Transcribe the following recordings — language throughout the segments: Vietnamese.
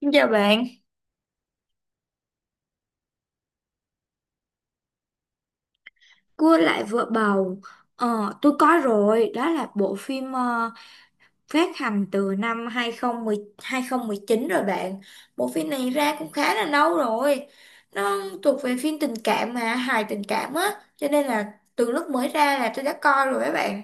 Xin chào bạn. Cua lại vợ bầu. Tôi có rồi, đó là bộ phim phát hành từ năm 2010, 2019 rồi bạn. Bộ phim này ra cũng khá là lâu rồi. Nó thuộc về phim tình cảm mà, hài tình cảm á, cho nên là từ lúc mới ra là tôi đã coi rồi các bạn.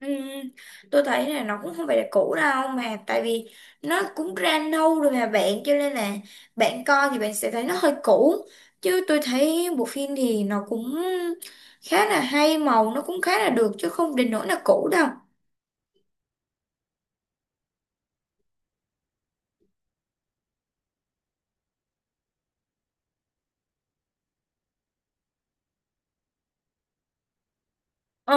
Ừ, tôi thấy là nó cũng không phải là cũ đâu mà tại vì nó cũng ra lâu rồi mà bạn, cho nên là bạn coi thì bạn sẽ thấy nó hơi cũ, chứ tôi thấy bộ phim thì nó cũng khá là hay, màu nó cũng khá là được chứ không đến nỗi là cũ đâu. ờ,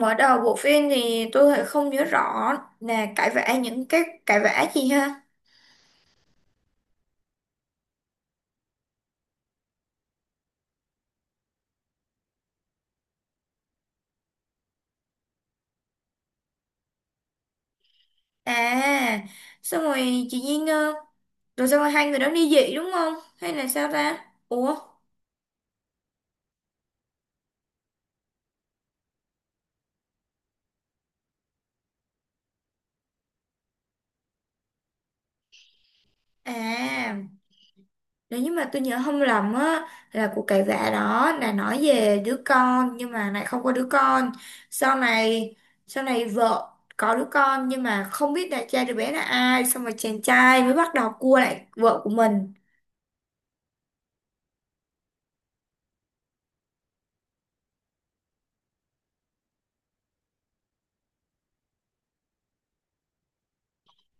Mở đầu bộ phim thì tôi lại không nhớ rõ là cãi vã, những cái cãi vã gì ha. À, xong rồi chị Duyên, rồi xong rồi hai người đó ly dị đúng không hay là sao ta, ủa. À, nếu như mà tôi nhớ không lầm á là cuộc cãi vã đó là nói về đứa con nhưng mà lại không có đứa con. Sau này, sau này vợ có đứa con nhưng mà không biết là cha đứa bé là ai, xong rồi chàng trai mới bắt đầu cua lại vợ của mình.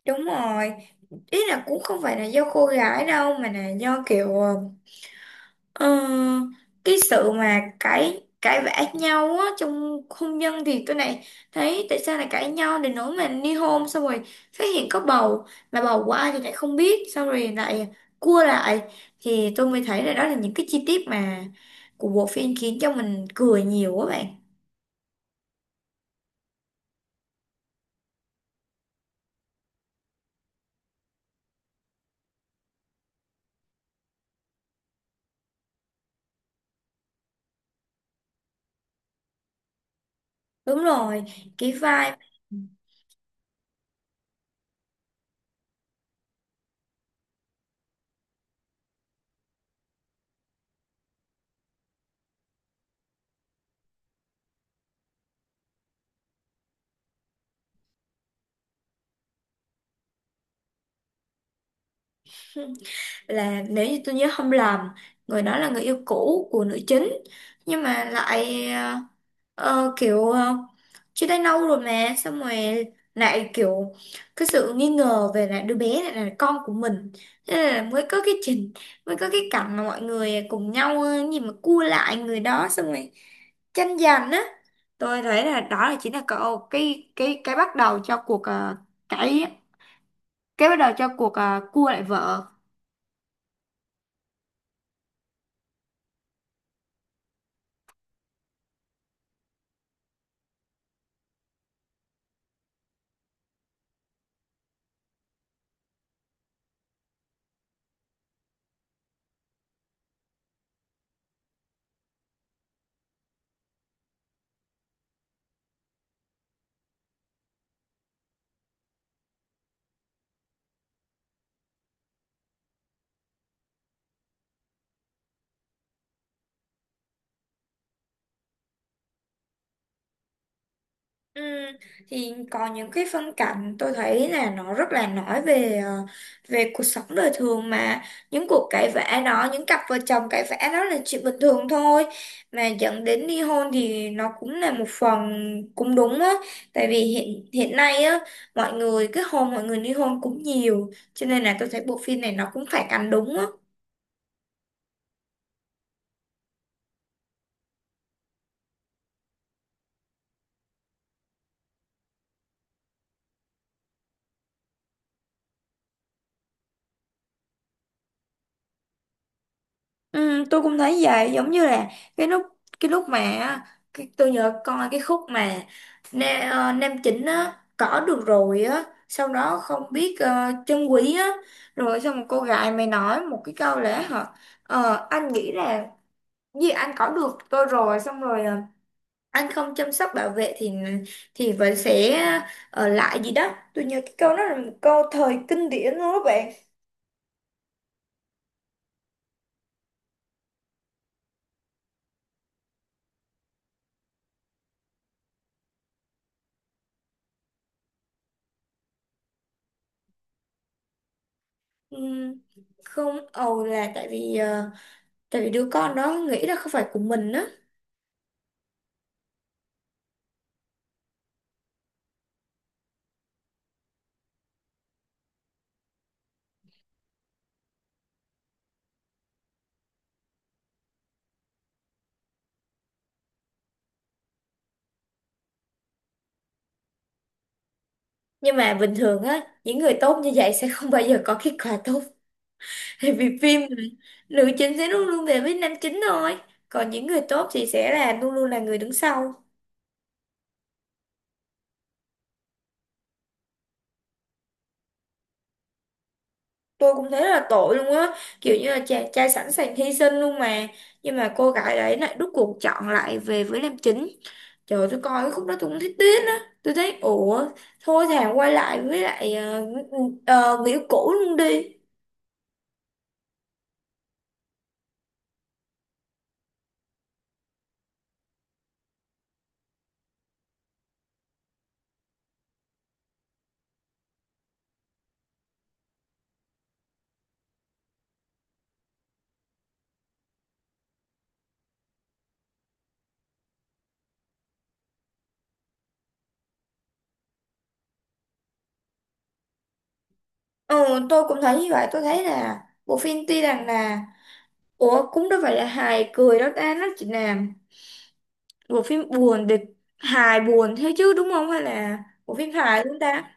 Đúng rồi. Ý là cũng không phải là do cô gái đâu mà là do kiểu Ờ, cái sự mà cãi cãi vã nhau á, trong hôn nhân thì tôi này thấy tại sao lại cãi nhau đến nỗi mà ly hôn, xong rồi phát hiện có bầu mà bầu của ai thì lại không biết, xong rồi lại cua lại, thì tôi mới thấy là đó là những cái chi tiết mà của bộ phim khiến cho mình cười nhiều quá bạn. Đúng rồi, cái vai là, nếu như tôi nhớ không lầm, người đó là người yêu cũ của nữ chính, nhưng mà lại Ờ, kiểu ờ, chia tay lâu rồi mà, xong rồi lại kiểu cái sự nghi ngờ về là đứa bé này là con của mình, thế là mới có cái trình mới có cái cảnh mà mọi người cùng nhau gì mà cua lại người đó, xong rồi tranh giành á. Tôi thấy là đó là chính là cậu cái bắt đầu cho cuộc cái cái bắt đầu cho cuộc cua lại vợ. Ừ, thì còn những cái phân cảnh tôi thấy là nó rất là nói về về cuộc sống đời thường mà, những cuộc cãi vã đó, những cặp vợ chồng cãi vã đó là chuyện bình thường thôi, mà dẫn đến ly hôn thì nó cũng là một phần cũng đúng á, tại vì hiện hiện nay á, mọi người kết hôn, mọi người ly hôn cũng nhiều, cho nên là tôi thấy bộ phim này nó cũng phản ánh đúng á. Ừ, tôi cũng thấy vậy, giống như là cái lúc cái lúc mà á, cái, tôi nhớ con là cái khúc mà nam chính á cỏ được rồi á, sau đó không biết chân quý á, rồi xong một cô gái mày nói một cái câu lẽ hả, anh nghĩ là gì, anh cỏ được tôi rồi, xong rồi anh không chăm sóc bảo vệ thì vẫn sẽ ở lại gì đó. Tôi nhớ cái câu đó là một câu thời kinh điển luôn đó bạn. Ừ, không ầu là tại vì tại vì đứa con đó nghĩ là không phải của mình á. Nhưng mà bình thường á, những người tốt như vậy sẽ không bao giờ có kết quả tốt. Tại vì phim mà, nữ chính sẽ luôn luôn về với nam chính thôi, còn những người tốt thì sẽ là luôn luôn là người đứng sau. Tôi cũng thấy là tội luôn á, kiểu như là chàng trai sẵn sàng hy sinh luôn mà, nhưng mà cô gái đấy lại rút cuộc chọn lại về với nam chính. Trời ơi, tôi coi cái khúc đó tôi cũng thấy tiếc á, tôi thấy ủa, thôi thà quay lại với lại người yêu cũ luôn đi. Ừ, tôi cũng thấy như vậy, tôi thấy là bộ phim tuy rằng là, ủa cũng đâu phải là hài cười đâu ta, nó chỉ là bộ phim buồn để, hài buồn thế chứ đúng không, hay là bộ phim hài chúng ta.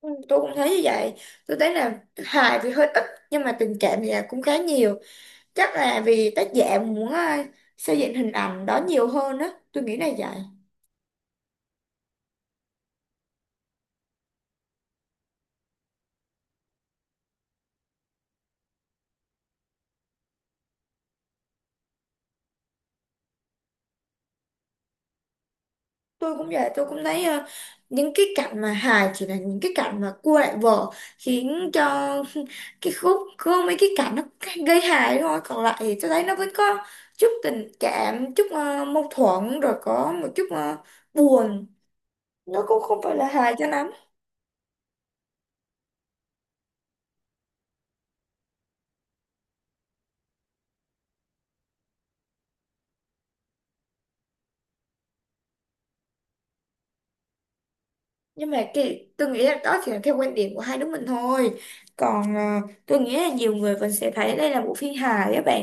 Ừ, tôi cũng thấy như vậy, tôi thấy là hài thì hơi ít, nhưng mà tình cảm thì là cũng khá nhiều, chắc là vì tác giả muốn xây dựng hình ảnh đó nhiều hơn á, tôi nghĩ là vậy. Tôi cũng vậy, tôi cũng thấy những cái cảnh mà hài chỉ là những cái cảnh mà cua lại vợ, khiến cho cái khúc có mấy cái cảnh nó gây hài thôi, còn lại thì tôi thấy nó vẫn có chút tình cảm, chút mâu thuẫn, rồi có một chút buồn, nó cũng không phải là hài cho lắm. Nhưng mà cái tôi nghĩ là đó chỉ là theo quan điểm của hai đứa mình thôi, còn tôi nghĩ là nhiều người vẫn sẽ thấy đây là bộ phim hài các bạn.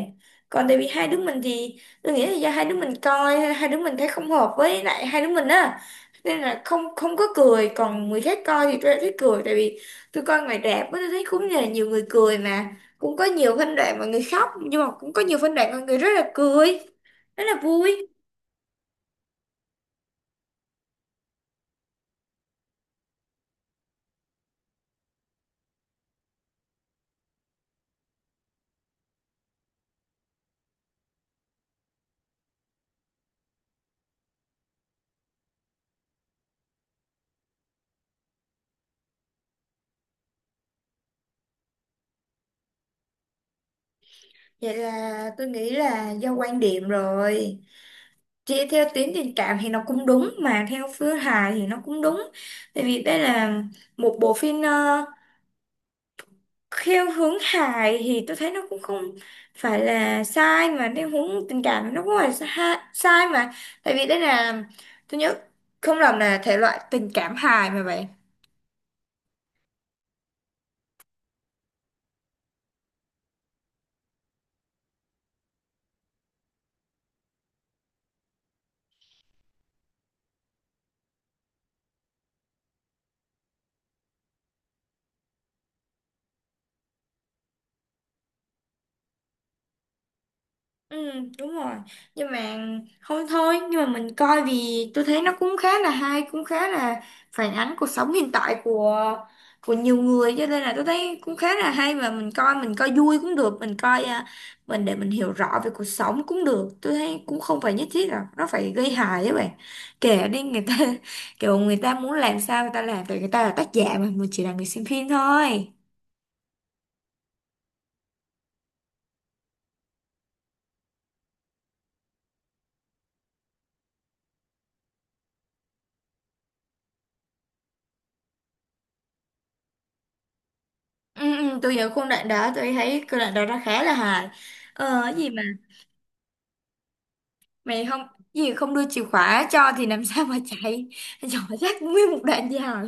Còn tại vì hai đứa mình thì tôi nghĩ là do hai đứa mình coi, hai đứa mình thấy không hợp với lại hai đứa mình á, nên là không không có cười, còn người khác coi thì tôi lại thích cười. Tại vì tôi coi ngoài rạp á, tôi thấy cũng là nhiều người cười, mà cũng có nhiều phân đoạn mà người khóc, nhưng mà cũng có nhiều phân đoạn mà người rất là cười, rất là vui. Vậy là tôi nghĩ là do quan điểm rồi. Chị theo tuyến tình cảm thì nó cũng đúng, mà theo phương hài thì nó cũng đúng, tại vì đây là một bộ phim theo hướng hài thì tôi thấy nó cũng không phải là sai, mà theo hướng tình cảm thì nó cũng phải sai, sai mà, tại vì đây là, tôi nhớ không lầm là thể loại tình cảm hài mà vậy. Ừ, đúng rồi. Nhưng mà không thôi, nhưng mà mình coi vì tôi thấy nó cũng khá là hay, cũng khá là phản ánh cuộc sống hiện tại của nhiều người, cho nên là tôi thấy cũng khá là hay, và mình coi vui cũng được, mình coi à, mình để mình hiểu rõ về cuộc sống cũng được. Tôi thấy cũng không phải nhất thiết là nó phải gây hại các bạn. Kể đi người ta kiểu người ta muốn làm sao người ta làm, tại người ta là tác giả mà mình chỉ là người xem phim thôi. Ừ, tôi nhớ khung đoạn đó, tôi thấy cái đoạn đó nó khá là hài. Ờ cái gì mà mày không, gì không đưa chìa khóa cho thì làm sao mà chạy, dò dắt nguyên một đoạn dài.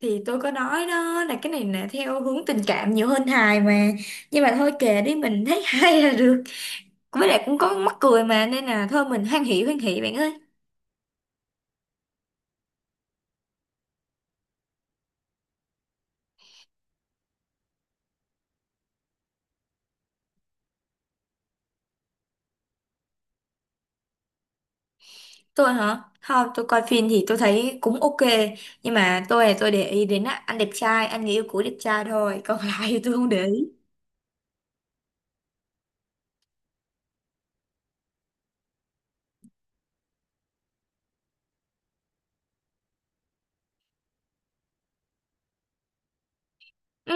Thì tôi có nói đó, là cái này là theo hướng tình cảm nhiều hơn hài mà, nhưng mà thôi kệ đi, mình thấy hay là được, với lại cũng có mắc cười mà, nên là thôi mình hoan hỉ bạn ơi. Tôi hả? Không, tôi coi phim thì tôi thấy cũng ok, nhưng mà tôi là tôi để ý đến á, anh đẹp trai, anh người yêu cũ đẹp trai thôi, còn lại thì tôi không để ý. Ừ,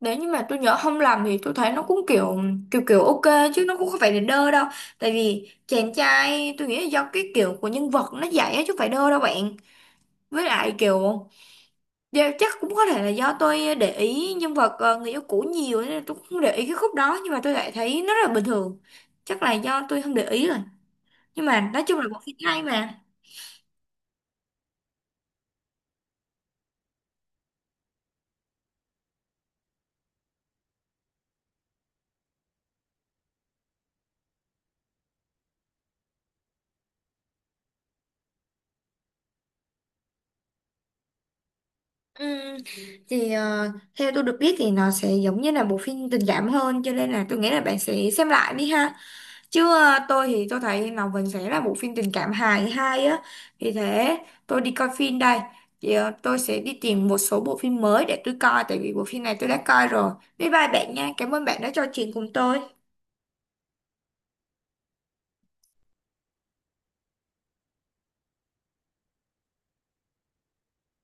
nếu như mà tôi nhớ không lầm thì tôi thấy nó cũng kiểu kiểu kiểu ok chứ nó cũng không phải là đơ đâu. Tại vì chàng trai tôi nghĩ là do cái kiểu của nhân vật nó dạy á, chứ không phải đơ đâu bạn. Với lại kiểu do- chắc cũng có thể là do tôi để ý nhân vật người yêu cũ nhiều, nên là tôi cũng không để ý cái khúc đó, nhưng mà tôi lại thấy nó rất là bình thường. Chắc là do tôi không để ý rồi. Nhưng mà nói chung là bộ phim hay mà. Ừm, thì ờ, theo tôi được biết thì nó sẽ giống như là bộ phim tình cảm hơn, cho nên là tôi nghĩ là bạn sẽ xem lại đi ha. Chứ tôi thì tôi thấy Ngọc Vân sẽ là bộ phim tình cảm hài hay á. Thì thế, tôi đi coi phim đây. Thì, tôi sẽ đi tìm một số bộ phim mới để tôi coi, tại vì bộ phim này tôi đã coi rồi. Bye bye bạn nha, cảm ơn bạn đã trò chuyện cùng tôi.